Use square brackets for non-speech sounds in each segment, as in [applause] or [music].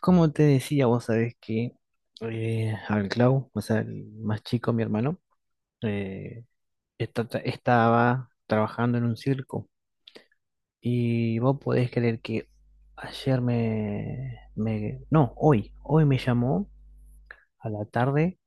Como te decía, vos sabés que al Clau, o sea, el más chico, mi hermano, eh, estaba trabajando en un circo. Y vos podés creer que no, hoy, hoy me llamó a la tarde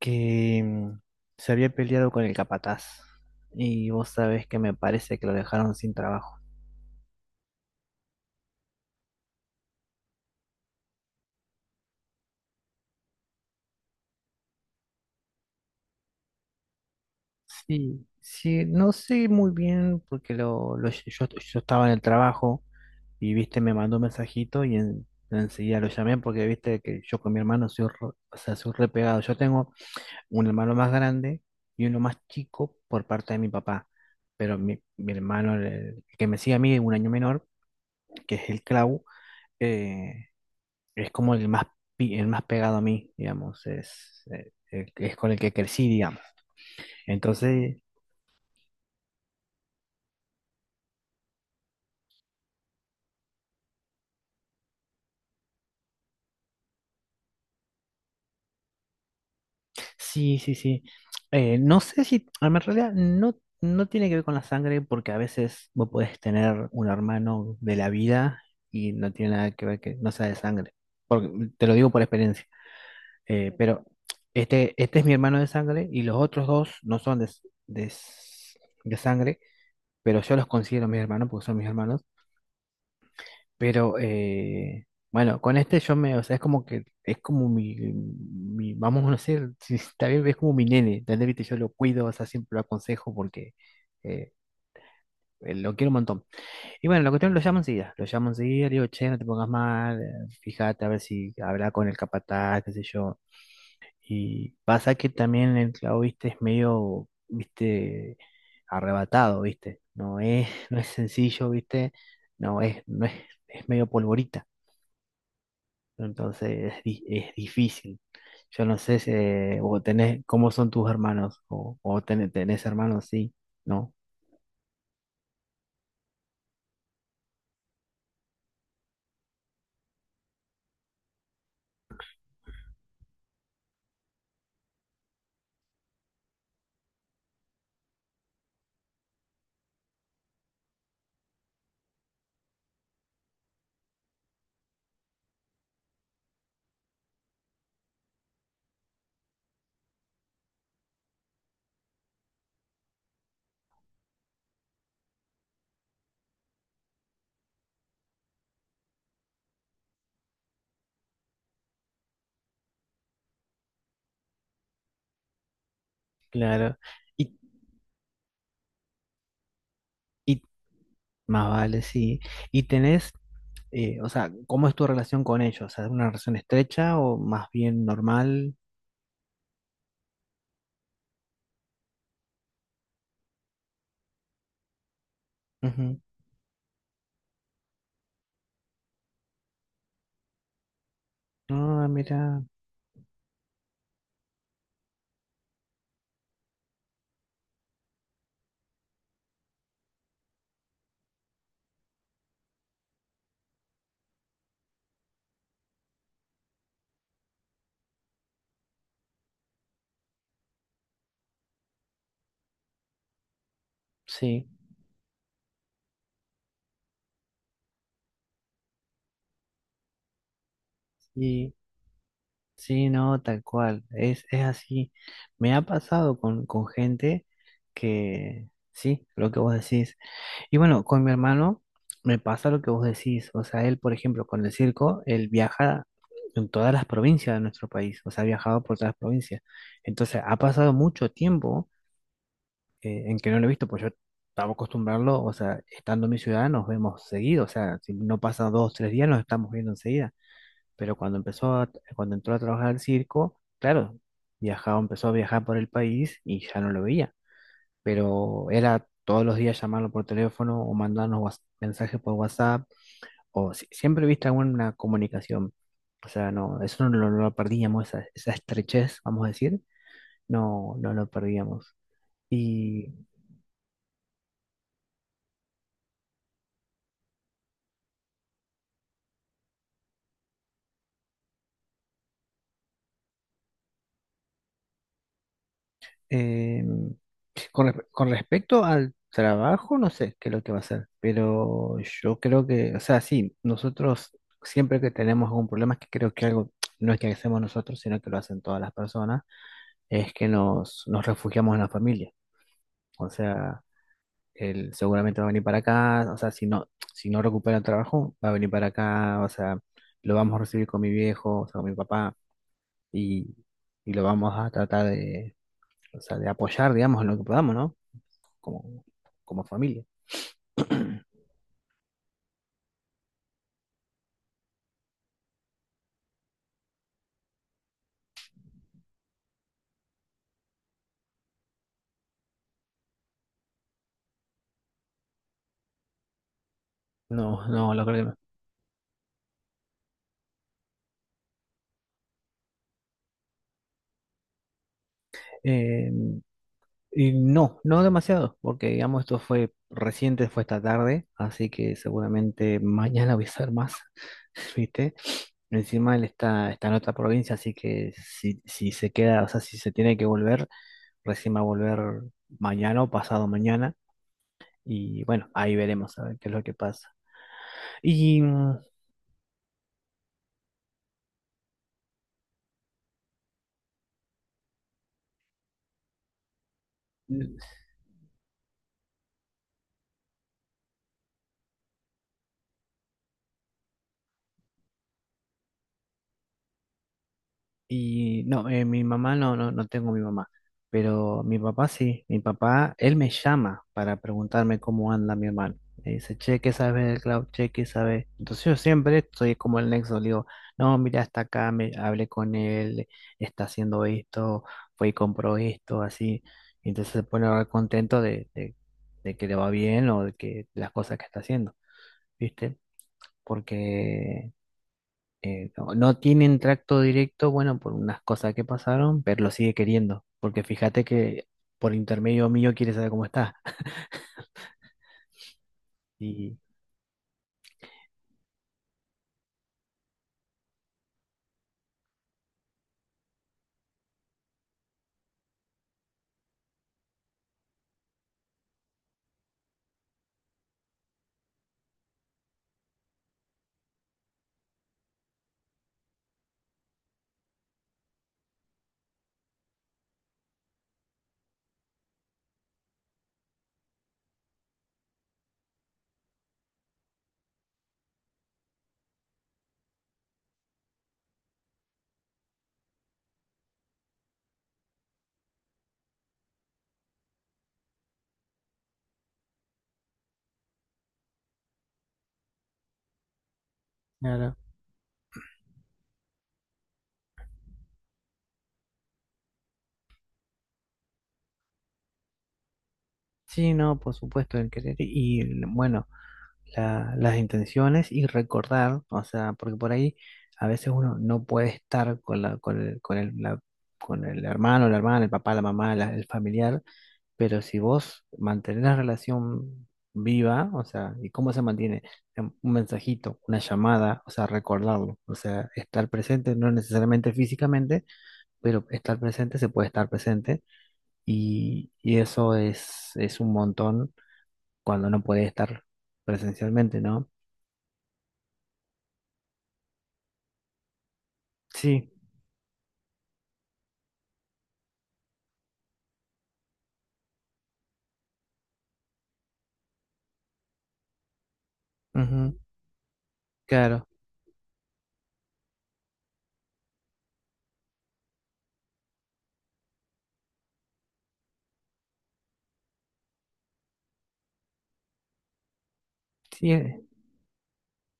que se había peleado con el capataz. Y vos sabés que me parece que lo dejaron sin trabajo. Sí, sí, no sé muy bien porque yo estaba en el trabajo. Y viste, me mandó un mensajito y enseguida lo llamé porque viste que yo con mi hermano o sea, soy re pegado. Yo tengo un hermano más grande y uno más chico por parte de mi papá. Pero mi hermano, el que me sigue a mí, un año menor, que es el Clau, eh, es como el más, el más pegado a mí, digamos. Es, es con el que crecí, digamos. Entonces, sí, sí, sí. No sé si, a ver, en realidad no, no tiene que ver con la sangre porque a veces vos podés tener un hermano de la vida y no tiene nada que ver que no sea de sangre. Porque, te lo digo por experiencia. Pero este es mi hermano de sangre y los otros dos no son de s- de sangre, pero yo los considero mis hermanos porque son mis hermanos. Pero bueno, con este yo me, o sea, es como que es como vamos a decir, [laughs] si está bien, es como mi nene, ¿entendés? Viste, yo lo cuido, o sea, siempre lo aconsejo porque eh, lo quiero un montón. Y bueno, la cuestión lo llamo enseguida, le digo, che, no te pongas mal, fíjate a ver si habla con el capataz, qué sé yo. Y pasa que también el clavo, viste, es medio, viste, arrebatado, viste, no es, [laughs] no es sencillo, viste, no es, no es, es medio polvorita. Entonces es difícil. Yo no sé si, o tenés, cómo son tus hermanos, tenés hermanos, sí, ¿no? Claro. Y, y más vale, sí. Y tenés, o sea, ¿cómo es tu relación con ellos? ¿Es una relación estrecha o más bien normal? Ujú. Ah, mira, sí, sí, sí, no, tal cual. Es así. Me ha pasado con gente que, sí, lo que vos decís. Y bueno, con mi hermano me pasa lo que vos decís. O sea, él, por ejemplo, con el circo, él viaja en todas las provincias de nuestro país. O sea, ha viajado por todas las provincias. Entonces, ha pasado mucho tiempo en que no lo he visto, pues yo estaba acostumbrado, o sea, estando en mi ciudad nos vemos seguido. O sea, si no pasa dos, tres días, nos estamos viendo enseguida. Pero cuando entró a trabajar al circo, claro, viajaba, empezó a viajar por el país y ya no lo veía, pero era todos los días llamarlo por teléfono o mensajes por WhatsApp, o si- siempre viste alguna comunicación. O sea, no, eso no lo perdíamos, esa estrechez, vamos a decir, no lo perdíamos. Y eh, con respecto al trabajo, no sé qué es lo que va a ser, pero yo creo que, o sea, sí, nosotros siempre que tenemos algún problema, es que creo que algo no es que hacemos nosotros, sino que lo hacen todas las personas, es que nos refugiamos en la familia. O sea, él seguramente va a venir para acá, o sea, si no, si no recupera el trabajo, va a venir para acá, o sea, lo vamos a recibir con mi viejo, o sea, con mi papá, y, y lo vamos a tratar de, o sea, de apoyar, digamos, en lo que podamos, ¿no? Como, como familia. [clears throat] No, no, lo creo que no. Eh, y no, no demasiado, porque digamos esto fue reciente, fue esta tarde, así que seguramente mañana voy a hacer más, [laughs] ¿viste? Encima él está en otra provincia, así que si, si se queda, o sea, si se tiene que volver, recién va a volver mañana o pasado mañana. Y bueno, ahí veremos a ver qué es lo que pasa. Y y no, mi mamá no, no, no tengo mi mamá, pero mi papá sí, mi papá, él me llama para preguntarme cómo anda mi hermano. Me dice, che, ¿qué sabes del cloud? Che, ¿qué sabes? Entonces yo siempre soy como el nexo, le digo, no, mira, está acá, me, hablé con él, está haciendo esto, fue y compró esto, así. Y entonces se pone ahora contento de que le va bien o de que las cosas que está haciendo, ¿viste? Porque no tienen tracto directo, bueno, por unas cosas que pasaron, pero lo sigue queriendo, porque fíjate que por intermedio mío quiere saber cómo está. [laughs] Y claro, sí, no, por supuesto, el querer y bueno, las intenciones y recordar, o sea, porque por ahí a veces uno no puede estar con la, con el, con el hermano, la hermana, el papá, la mamá, el familiar. Pero si vos mantenés la relación viva, o sea, ¿y cómo se mantiene? Un mensajito, una llamada, o sea, recordarlo, o sea, estar presente, no necesariamente físicamente, pero estar presente, se puede estar presente y eso es un montón cuando no puede estar presencialmente, ¿no? Sí, ujú, claro, sí,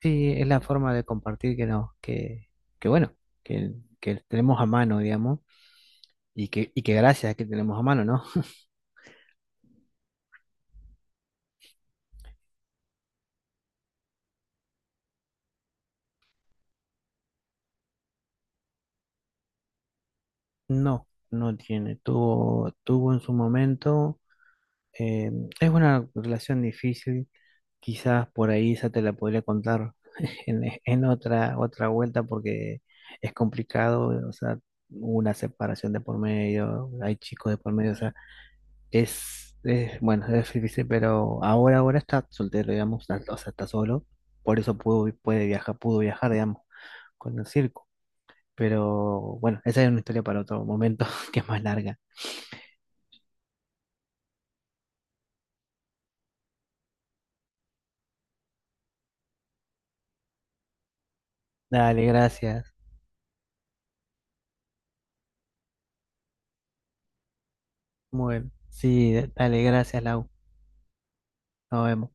sí, es la forma de compartir que no, que bueno, que, que tenemos a mano, digamos, y que gracias a que tenemos a mano, ¿no? No, no tiene. Tuvo, tuvo en su momento. eh, es una relación difícil. Quizás por ahí esa te la podría contar [laughs] en otra, otra vuelta porque es complicado. O sea, hubo una separación de por medio, hay chicos de por medio. O sea, es bueno, es difícil, pero ahora, ahora está soltero, digamos. O sea, está solo. Por eso pudo, puede viajar, pudo viajar, digamos, con el circo. Pero bueno, esa es una historia para otro momento [laughs] que es más larga. Dale, gracias. Bueno, sí, dale, gracias, Lau. Nos vemos.